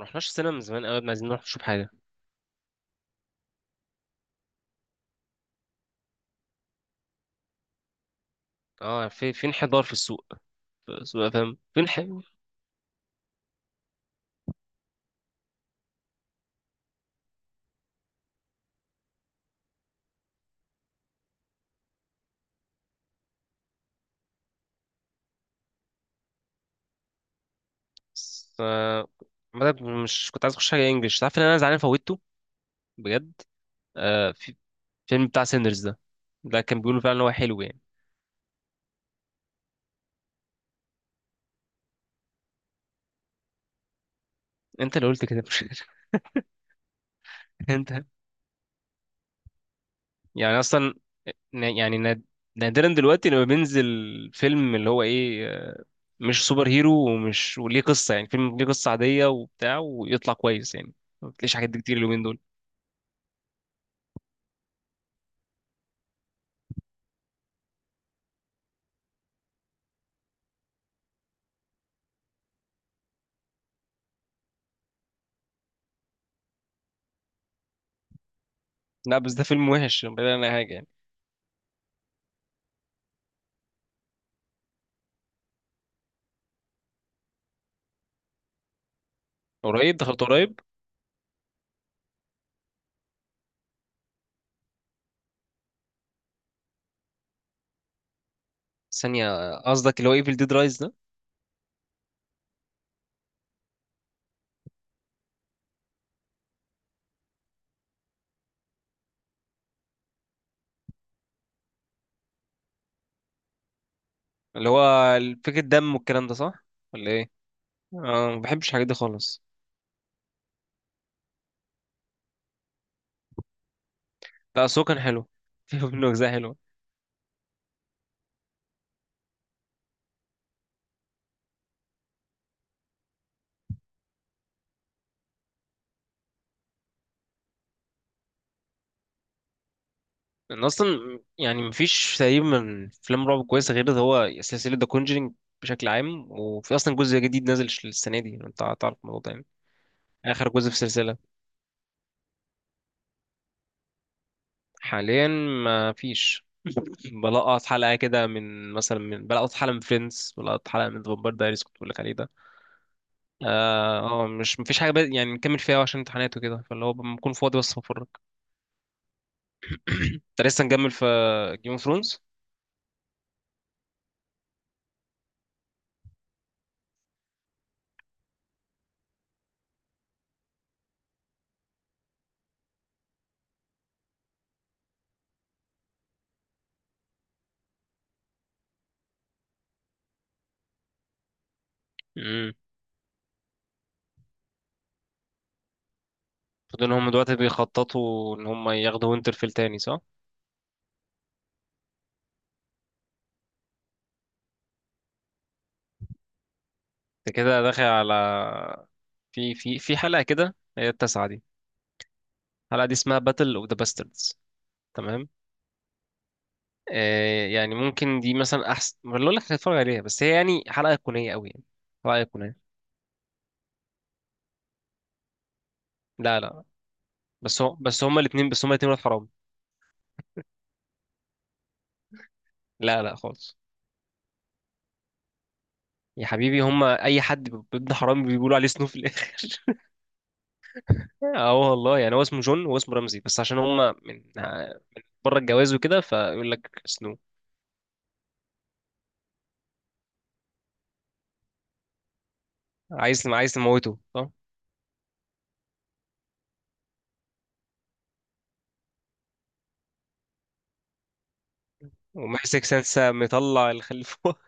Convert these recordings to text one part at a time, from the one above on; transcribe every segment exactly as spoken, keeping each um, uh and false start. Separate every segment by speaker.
Speaker 1: رحناش السينما من زمان قوي، عايزين نروح نشوف حاجة. اه، في في انحدار في السوق. سوق فاهم في انحدار. ف... بدأت مش كنت عايز اخش حاجة انجلش، تعرف ان انا زعلان فوتته بجد. آه، في فيلم بتاع سيندرز ده، ده كان بيقولوا فعلا ان هو حلو يعني. انت اللي قلت كده، مش؟ انت يعني اصلا ن- يعني ناد- نادرا دلوقتي لما بينزل فيلم اللي هو ايه، آه، مش سوبر هيرو ومش وليه قصة، يعني فيلم ليه قصة عادية وبتاع ويطلع كويس يعني. ما بتلاقيش حاجات دي كتير اليومين دول. لا بس ده فيلم وحش بعيد عن اي حاجة يعني. قريب، دخلت قريب. ثانية، قصدك اللي هو ايفل ديد رايز ده، اللي هو فكرة دم والكلام ده، صح ولا ايه؟ اه، ما بحبش الحاجات دي خالص. لا بس هو كان حلو، في منه أجزاء حلوة. أنا أصلا يعني مفيش تقريبا من أفلام رعب كويسة غير ده، هو سلسلة ذا كونجرينج بشكل عام، وفي أصلا جزء جديد نازل ش- السنة دي، أنت تعرف الموضوع ده يعني، آخر جزء في السلسلة. حاليا مفيش. بلقط حلقة كده من، مثلا من، بلقط حلقة من فريندز، بلقط حلقة من فامباير دايريز كنت بقولك عليه ده. اه آه، مش مفيش حاجه بقى-، يعني نكمل فيها عشان امتحانات وكده، فاللي هو بكون بكون فاضي بس بفرج. انت لسه نكمل في جيم اوف ثرونز؟ امم. فدول هم دلوقتي بيخططوا ان هم ياخدوا وينترفيل تاني، صح؟ انت كده داخل على في في في حلقه كده، هي التاسعه دي. الحلقه دي اسمها باتل اوف ذا باستردز، تمام. آه يعني ممكن دي مثلا احسن ما اقول لك هتتفرج عليها، بس هي يعني حلقه ايقونيه قوي يعني. حلقه ايقونيه. لا لا، بس هو بس هما الاثنين بس هما الاثنين ولاد حرام. لا لا خالص. يا حبيبي هما اي حد ب- ابن حرام بيقولوا عليه سنو في الاخر. اه والله، يعني هو اسمه جون وهو اسمه رمزي بس عشان هما من آه، بره الجواز وكده، فيقول لك سنو. عايز عايز تموته، صح؟ ومحسك سنسة مطلع الخلي فوق.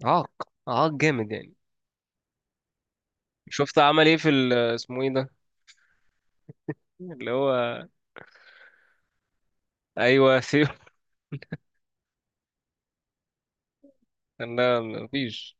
Speaker 1: عاق، عاق جامد يعني. شفت عمل ايه في ال- اسمه ايه ده، اللي هو، ايوه ثيو. لا مفيش.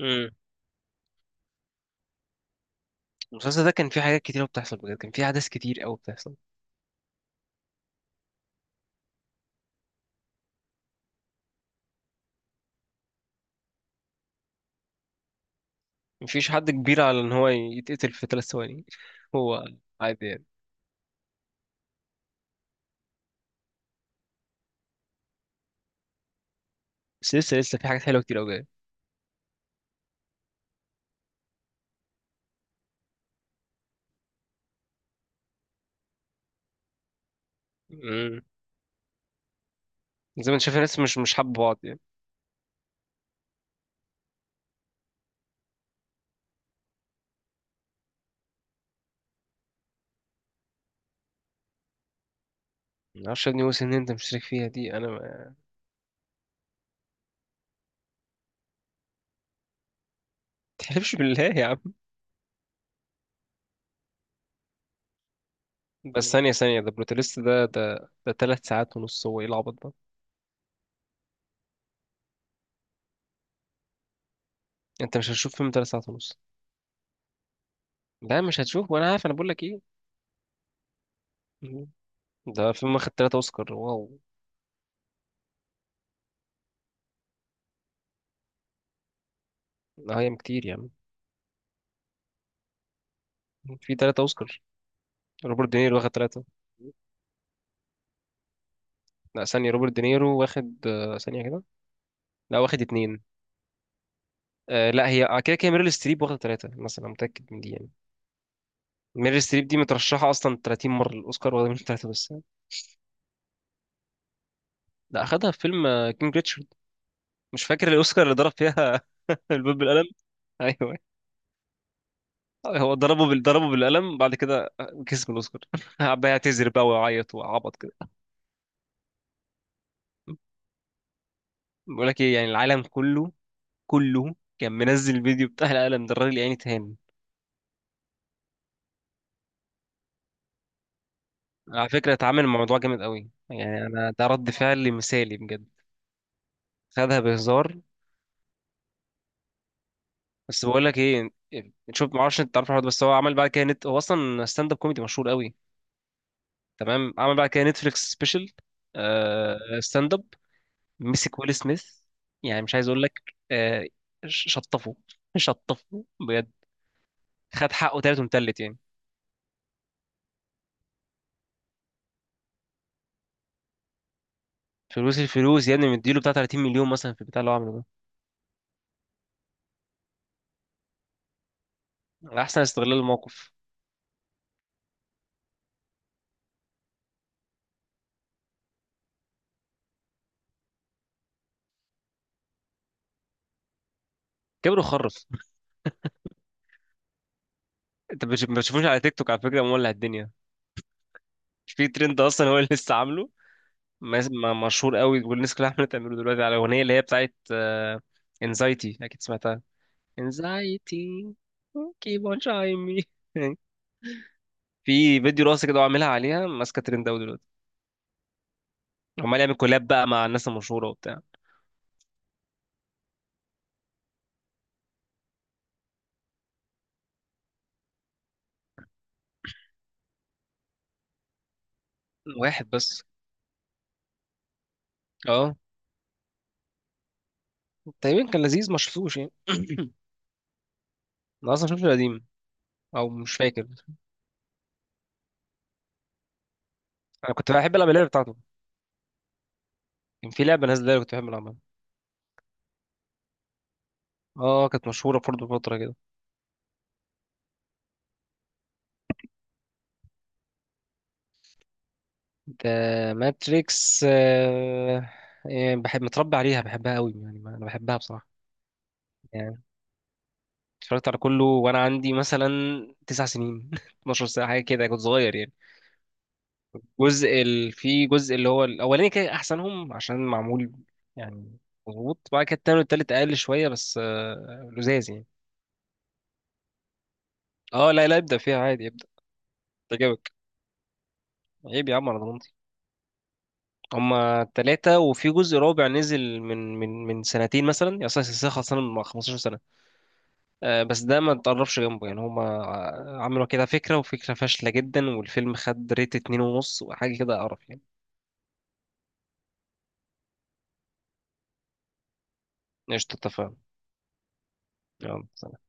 Speaker 1: امم. المسلسل ده كان فيه حاجات كتيرة بتحصل بجد، كان فيه أحداث كتير أوي بتحصل. مفيش حد كبير على إن هو يتقتل في تلات ثواني. هو عادي يعني. بس لسه لسه في حاجات حلوه كتير قوي جايه. امم. زي ما انت شايف الناس مش مش حابه بعض يعني. ما اعرفش يا ابني وسن ان انت مشترك فيها دي، انا ما تحلفش بالله يا عم. بس ثانيه ثانيه، ده بروتاليست ده، ده ده تلات ساعات ونص، هو ايه العبط ده؟ انت مش هتشوف فيلم تلات ساعات ونص. لا مش هتشوف، وانا عارف انا بقول لك ايه. مم. ده فيلم واخد ثلاثة اوسكار، واو. ده هي كتير يعني، في ثلاثة اوسكار؟ روبرت دينيرو واخد ثلاثة. لا ثانية، روبرت دينيرو واخد، آه، ثانية كده. لا واخد اتنين. آه لا، هي آه، كده كده ميريل ستريب واخد ثلاثة مثلا، أنا متأكد من دي يعني. ميري ستريب دي مترشحة أصلا 30 مرة للأوسكار، واخدة منهم تلاتة بس. لا أخدها في فيلم آه، كينج ريتشارد. مش فاكر الأوسكار اللي ضرب فيها الباب بالقلم. أيوه، هو ضربه بال... ضربه بالقلم بعد كده، آه، كسب الأوسكار. قعد بقى يعتذر بقى ويعيط وعبط كده. بقول لك إيه، يعني العالم كله كله كان منزل الفيديو بتاع القلم ده، الراجل يعني تهان. على فكرة اتعامل مع الموضوع جامد قوي يعني، أنا ده رد فعل مثالي بجد. خدها بهزار. بس بقول لك ايه، شوف ما اعرفش انت تعرف الحوار ده، بس هو عمل بعد كده نت، هو اصلا ستاند اب كوميدي مشهور قوي، تمام. عمل بعد كده نتفليكس سبيشال. اه ستاند اب. مسك ويل سميث، يعني مش عايز اقول لك، آه، ش- شطفه، شطفه بجد. خد حقه تالت ومتلت يعني. فلوس، الفلوس يا ابني مديله بتاع 30 مليون مثلا في البتاع اللي هو عامله ده، على احسن استغلال الموقف. كبر وخرف. انت بتش- ما بتشوفوش على تيك توك؟ على فكره مولع الدنيا، مش في ترند اصلا هو اللي لسه عامله. مس- م- مشهور قوي، والناس كلها عماله تعمله دلوقتي على الاغنيه اللي هي بتاعت انزايتي، اكيد سمعتها. انزايتي، كيب اون شاين مي. في فيديو راسي كده وعاملها عليها، ماسكه ترند قوي دلوقتي. عمال يعمل كولاب بقى مع الناس المشهوره وبتاع. واحد بس. اه تقريبا كان لذيذ، ما شفتوش يعني. انا اصلا شفت القديم، او مش فاكر. انا كنت بحب العب اللعبه بتاعته، كان في لعبه نازله كنت بحب العبها. اه كانت مشهوره برضه فتره كده. ده ماتريكس. آه... يعني بحب متربي عليها، بحبها قوي يعني، انا بحبها بصراحه يعني. اتفرجت على كله وانا عندي مثلا تسع سنين، اثنتا عشرة ساعة ساعه حاجه كده، كنت صغير يعني. جزء ال... في جزء اللي هو الاولاني كان احسنهم عشان معمول يعني مظبوط، بعد كده التاني والتالت اقل شويه بس آه، لزاز يعني. اه لا لا ابدا فيها عادي، ابدا تعجبك، عيب يا عم على ضمانتي. هما تلاتة وفي جزء رابع نزل من من من سنتين مثلا يعني، أصلا السلسلة خلصانة من 15 سنة، آه، بس ده ما تقربش جنبه يعني. هما عملوا كده فكرة، وفكرة فاشلة جدا، والفيلم خد ريت اتنين ونص وحاجة كده، قرف يعني. قشطة اتفقنا. يلا سلام.